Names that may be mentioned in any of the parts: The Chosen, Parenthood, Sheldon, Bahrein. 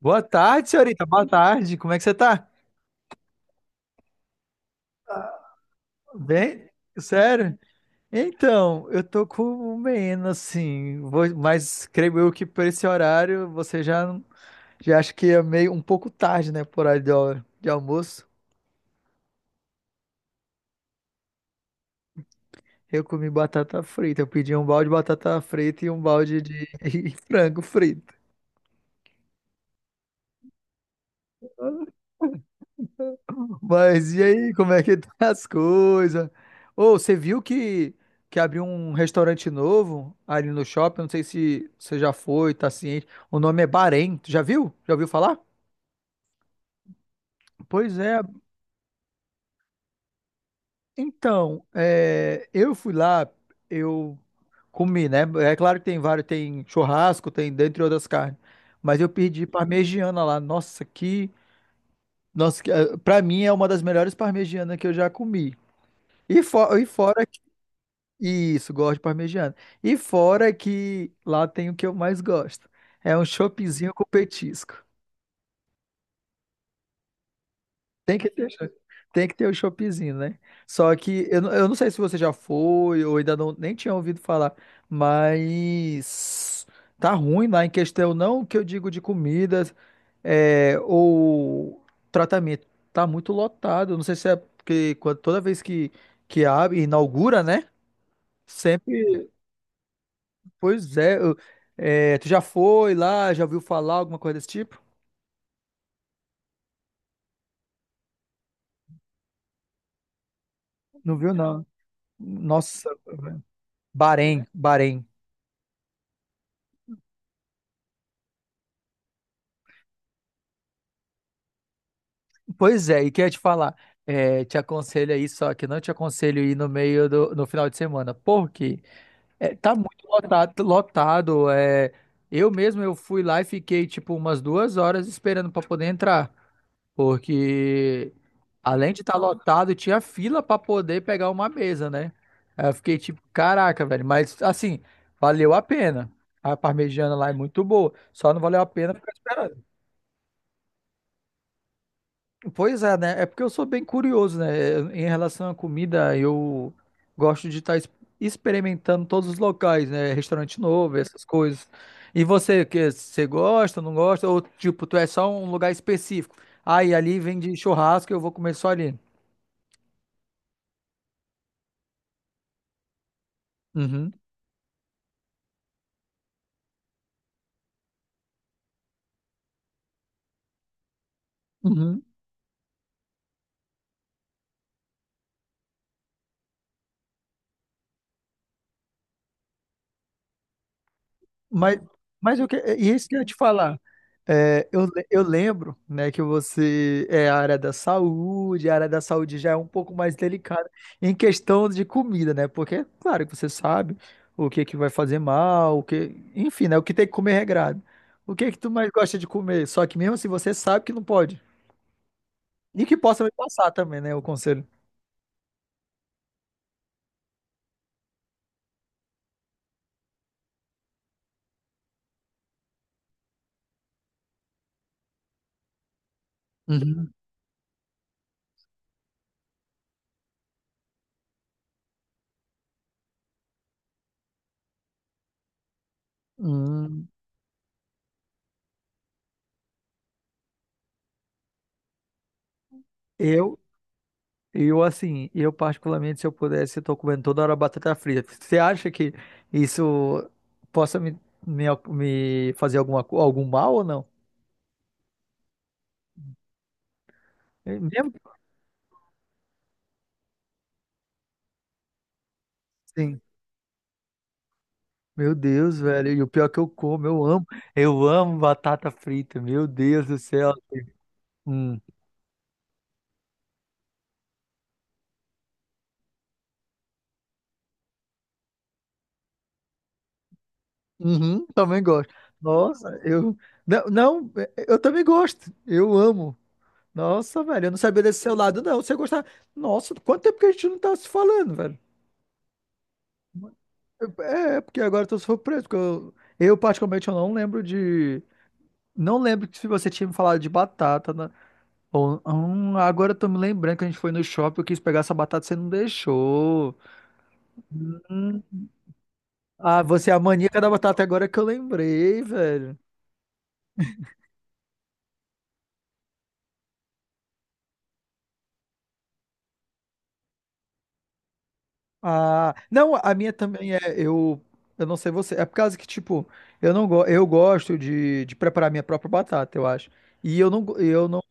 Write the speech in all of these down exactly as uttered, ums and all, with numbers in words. Boa tarde, senhorita. Boa tarde. Como é que você tá? Bem? Sério? Então, eu tô com menos, assim, vou- mas creio eu que por esse horário você já, já acha que é meio um pouco tarde, né? Por horário de, al- de almoço. Eu comi batata frita. Eu pedi um balde de batata frita e um balde de e frango frito. Mas e aí, como é que tá as coisas? Ô, você viu que, que abriu um restaurante novo ali no shopping? Não sei se você já foi, tá ciente. O nome é Bahrein. Tu já viu? Já ouviu falar? Pois é. Então, é, eu fui lá, eu comi, né? É claro que tem vários, tem churrasco, tem dentre outras carnes. Mas eu pedi parmegiana lá. Nossa, que. Nossa, que, eh, pra mim é uma das melhores parmegianas que eu já comi. E, fo- e fora Isso, gosto de parmegiana. E fora que lá tem o que eu mais gosto. É um choppzinho com petisco. Tem que ter, cho- tem que ter o choppzinho, né? Só que eu, não- eu não sei se você já foi ou ainda não, nem tinha ouvido falar, mas tá ruim lá em questão, não que eu digo de comidas é, ou tratamento. Tá muito lotado. Não sei se é porque quando- toda vez que, que abre, inaugura, né? Sempre. Pois é, eu- é, tu já foi lá, já ouviu falar alguma coisa desse tipo? Não viu, não. Nossa, Bahrein, Bahrein. Pois é, e quer te falar, é, te aconselho aí, só que não te aconselho ir no meio do, no final de semana, porque é, tá muito lotado, lotado, é, eu mesmo eu fui lá e fiquei tipo umas duas horas esperando para poder entrar. Porque além de estar lotado, tinha fila para poder pegar uma mesa, né? Aí eu fiquei tipo, caraca, velho. Mas assim, valeu a pena. A parmegiana lá é muito boa. Só não valeu a pena ficar esperando. Pois é, né? É porque eu sou bem curioso, né? Eu- Em relação à comida, eu gosto de estar experimentando todos os locais, né? Restaurante novo, essas coisas. E você, que você gosta, não gosta? Ou tipo, tu é só um lugar específico? Aí e ali vem de churrasco, eu vou comer só ali. Uhum, uhum. Mas, mas eu que, é, e isso que eu ia te falar. É, eu, le- eu lembro, né, que você é a área da saúde, a área da saúde já é um pouco mais delicada em questão de comida, né? Porque, claro, que você sabe o que que vai fazer mal, o que, enfim, né, o que tem que comer é regrado. O que que tu mais gosta de comer? Só que mesmo se você sabe que não pode. E que possa me passar também, né, o conselho. Uhum. Hum, eu Eu, assim, eu particularmente, se eu pudesse, eu tô comendo toda hora batata frita. Você acha que isso possa me, me, me fazer alguma, co- algum mal ou não? É mesmo, sim. Meu Deus, velho. E o pior é que eu como, eu amo. Eu amo batata frita. Meu Deus do céu. Hum. Uhum, também gosto. Nossa, eu. Não, não, eu também gosto. Eu amo. Nossa, velho, eu não sabia desse seu lado, não. Você gostar. Nossa, quanto tempo que a gente não tá se falando, velho? É, porque agora eu tô surpreso, porque eu, eu particularmente eu não lembro de. Não lembro que se você tinha me falado de batata, né? Ou, hum, agora eu tô me lembrando que a gente foi no shopping, eu quis pegar essa batata, você não deixou. Hum. Ah, você é a maníaca da batata é agora que eu lembrei, velho. Ah, não, a minha também é, eu, eu não sei você, é por causa que, tipo, eu não go, eu gosto de, de preparar minha própria batata, eu acho. E eu não, go- eu não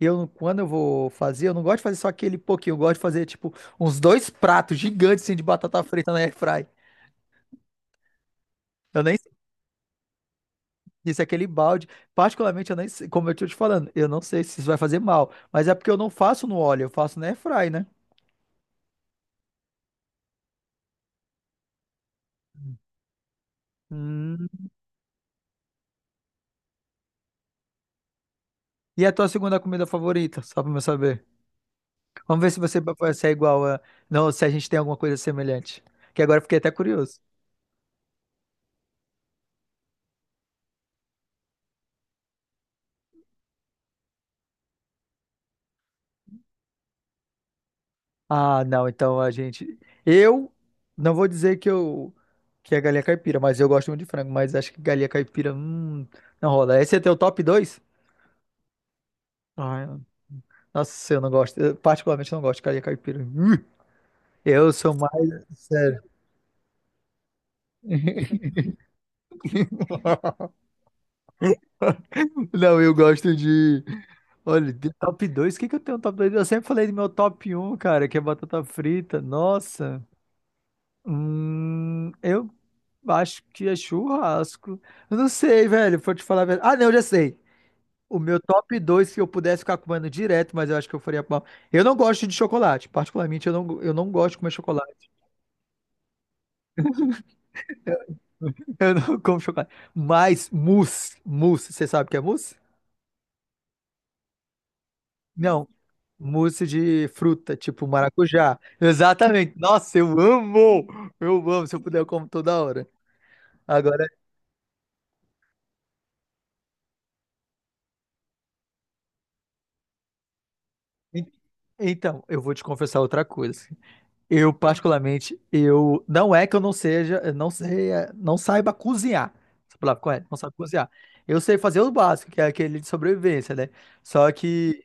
Eu, não- quando eu vou fazer, eu não gosto de fazer só aquele pouquinho, eu gosto de fazer, tipo, uns dois pratos gigantes, assim, de batata frita na airfry. Eu nem sei se é aquele balde, particularmente, eu nem sei, como eu tô te falando, eu não sei se isso vai fazer mal, mas é porque eu não faço no óleo, eu faço na airfry, né? Hum. E a tua segunda comida favorita, só pra eu saber. Vamos ver se você vai ser igual a. Não, se a gente tem alguma coisa semelhante, que agora eu fiquei até curioso. Ah, não, então a gente. Eu não vou dizer que eu que é galinha caipira, mas eu gosto muito de frango, mas acho que galinha caipira, hum, não rola. Esse é teu top dois. Ai, nossa, eu não gosto. Eu particularmente não gosto de galinha caipira. Hum, Eu sou mais. Sério. Não, eu gosto de. Olha, de top dois. O que que eu tenho no top dois? Eu sempre falei do meu top um, cara, que é batata frita. Nossa. Hum, eu acho que é churrasco. Eu não sei, velho. Vou te falar a verdade. Ah, não, eu já sei. O meu top dois se eu pudesse ficar comendo direto, mas eu acho que eu faria mal. Eu não gosto de chocolate. Particularmente, eu não, eu não gosto de comer chocolate. Eu não como chocolate. Mas mousse. Mousse. Você sabe o que é mousse? Não. Mousse de fruta, tipo maracujá. Exatamente. Nossa, eu amo! Eu amo. Se eu puder, eu como toda hora. Agora, en- então, eu vou te confessar outra coisa. Eu, particularmente, eu não é que eu não seja, eu não sei, eh, não saiba cozinhar. Essa palavra correta, não sabe cozinhar. Eu sei fazer o básico, que é aquele de sobrevivência, né? Só que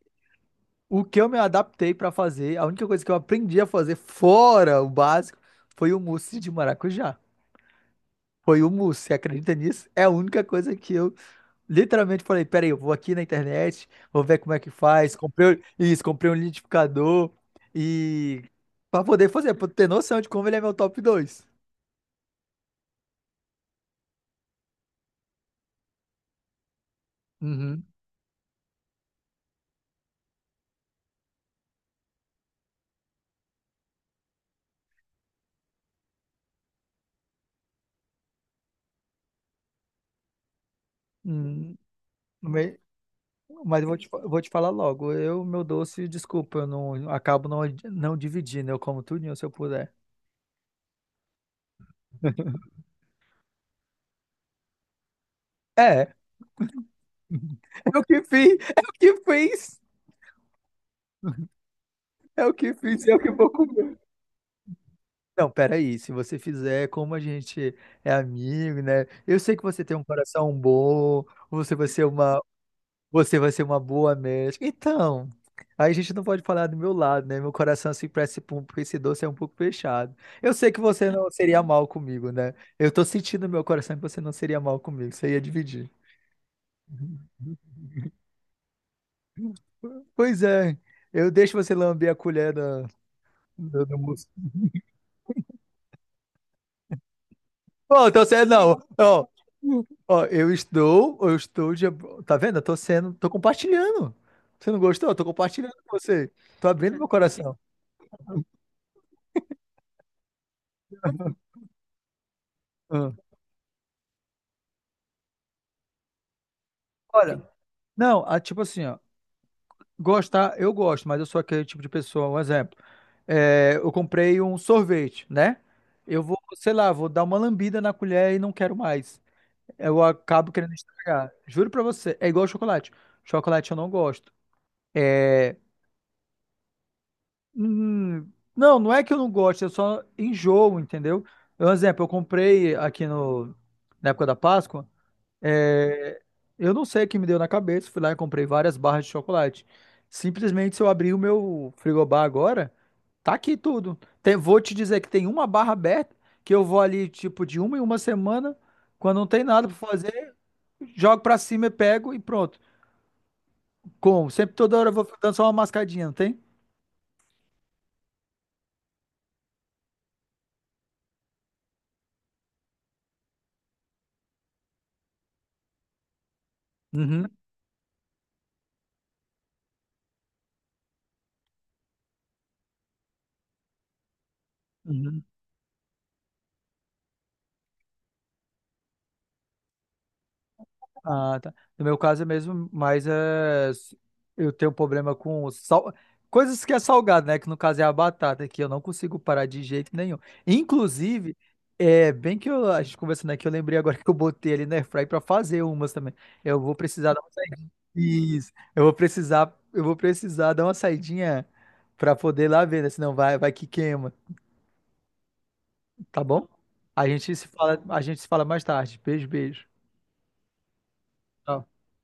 o que eu me adaptei pra fazer, a única coisa que eu aprendi a fazer fora o básico foi o mousse de maracujá. Foi o mousse, você acredita nisso? É a única coisa que eu literalmente falei, peraí, eu vou aqui na internet, vou ver como é que faz. Comprei o- isso, comprei um liquidificador e para poder fazer, para ter noção de como ele é meu top dois. Uhum. Uhum. Me- Mas eu vou te, fa- vou te falar logo. Eu, meu doce, desculpa, eu não acabo não, não dividindo. Eu como tudinho se eu puder. É, é o que fiz, é o que fiz, é o que fiz, é o que vou comer. Não, peraí, se você fizer como a gente é amigo, né? Eu sei que você tem um coração bom, você vai ser uma, você vai ser uma boa médica. Então, aí a gente não pode falar do meu lado, né? Meu coração assim para esse, pum- pra esse doce é um pouco fechado. Eu sei que você não seria mal comigo, né? Eu tô sentindo no meu coração que você não seria mal comigo, você ia dividir. Pois é, eu deixo você lamber a colher da- do, do, Bom, então você não. Ó, ó, eu estou, eu estou, de. ab- Tá vendo? Eu tô sendo, tô compartilhando. Você não gostou? Eu tô compartilhando com você. Tô abrindo meu coração. Ah. Olha, não, ah, tipo assim, ó. Gostar, eu gosto, mas eu sou aquele tipo de pessoa. Um exemplo. É, eu comprei um sorvete, né? Eu vou, sei lá, vou dar uma lambida na colher e não quero mais. Eu acabo querendo estragar. Juro pra você, é igual chocolate. Chocolate eu não gosto. É. Hum, não, não é que eu não gosto, eu só enjoo, entendeu? Um exemplo, eu comprei aqui no, na época da Páscoa, é, eu não sei o que me deu na cabeça, fui lá e comprei várias barras de chocolate. Simplesmente, se eu abrir o meu frigobar agora, tá aqui tudo. Tem- vou te dizer que tem uma barra aberta, que eu vou ali, tipo, de uma em uma semana, quando não tem nada pra fazer, jogo pra cima e pego e pronto. Como? Sempre toda hora eu vou dando só uma mascadinha, não tem? Uhum. Uhum. Ah, tá. No meu caso é mesmo, mas é, eu tenho um problema com sal... coisas que é salgado, né? Que no caso é a batata, que eu não consigo parar de jeito nenhum. Inclusive, é bem que eu- a gente conversando aqui, eu lembrei agora que eu botei ali na airfryer para fazer umas também. Eu vou precisar dar Isso. Eu vou precisar, eu vou precisar dar uma saidinha para poder lá ver, né? Senão vai, vai que queima, tá bom? A gente se fala, a gente se fala mais tarde. Beijo, beijo. Tchau.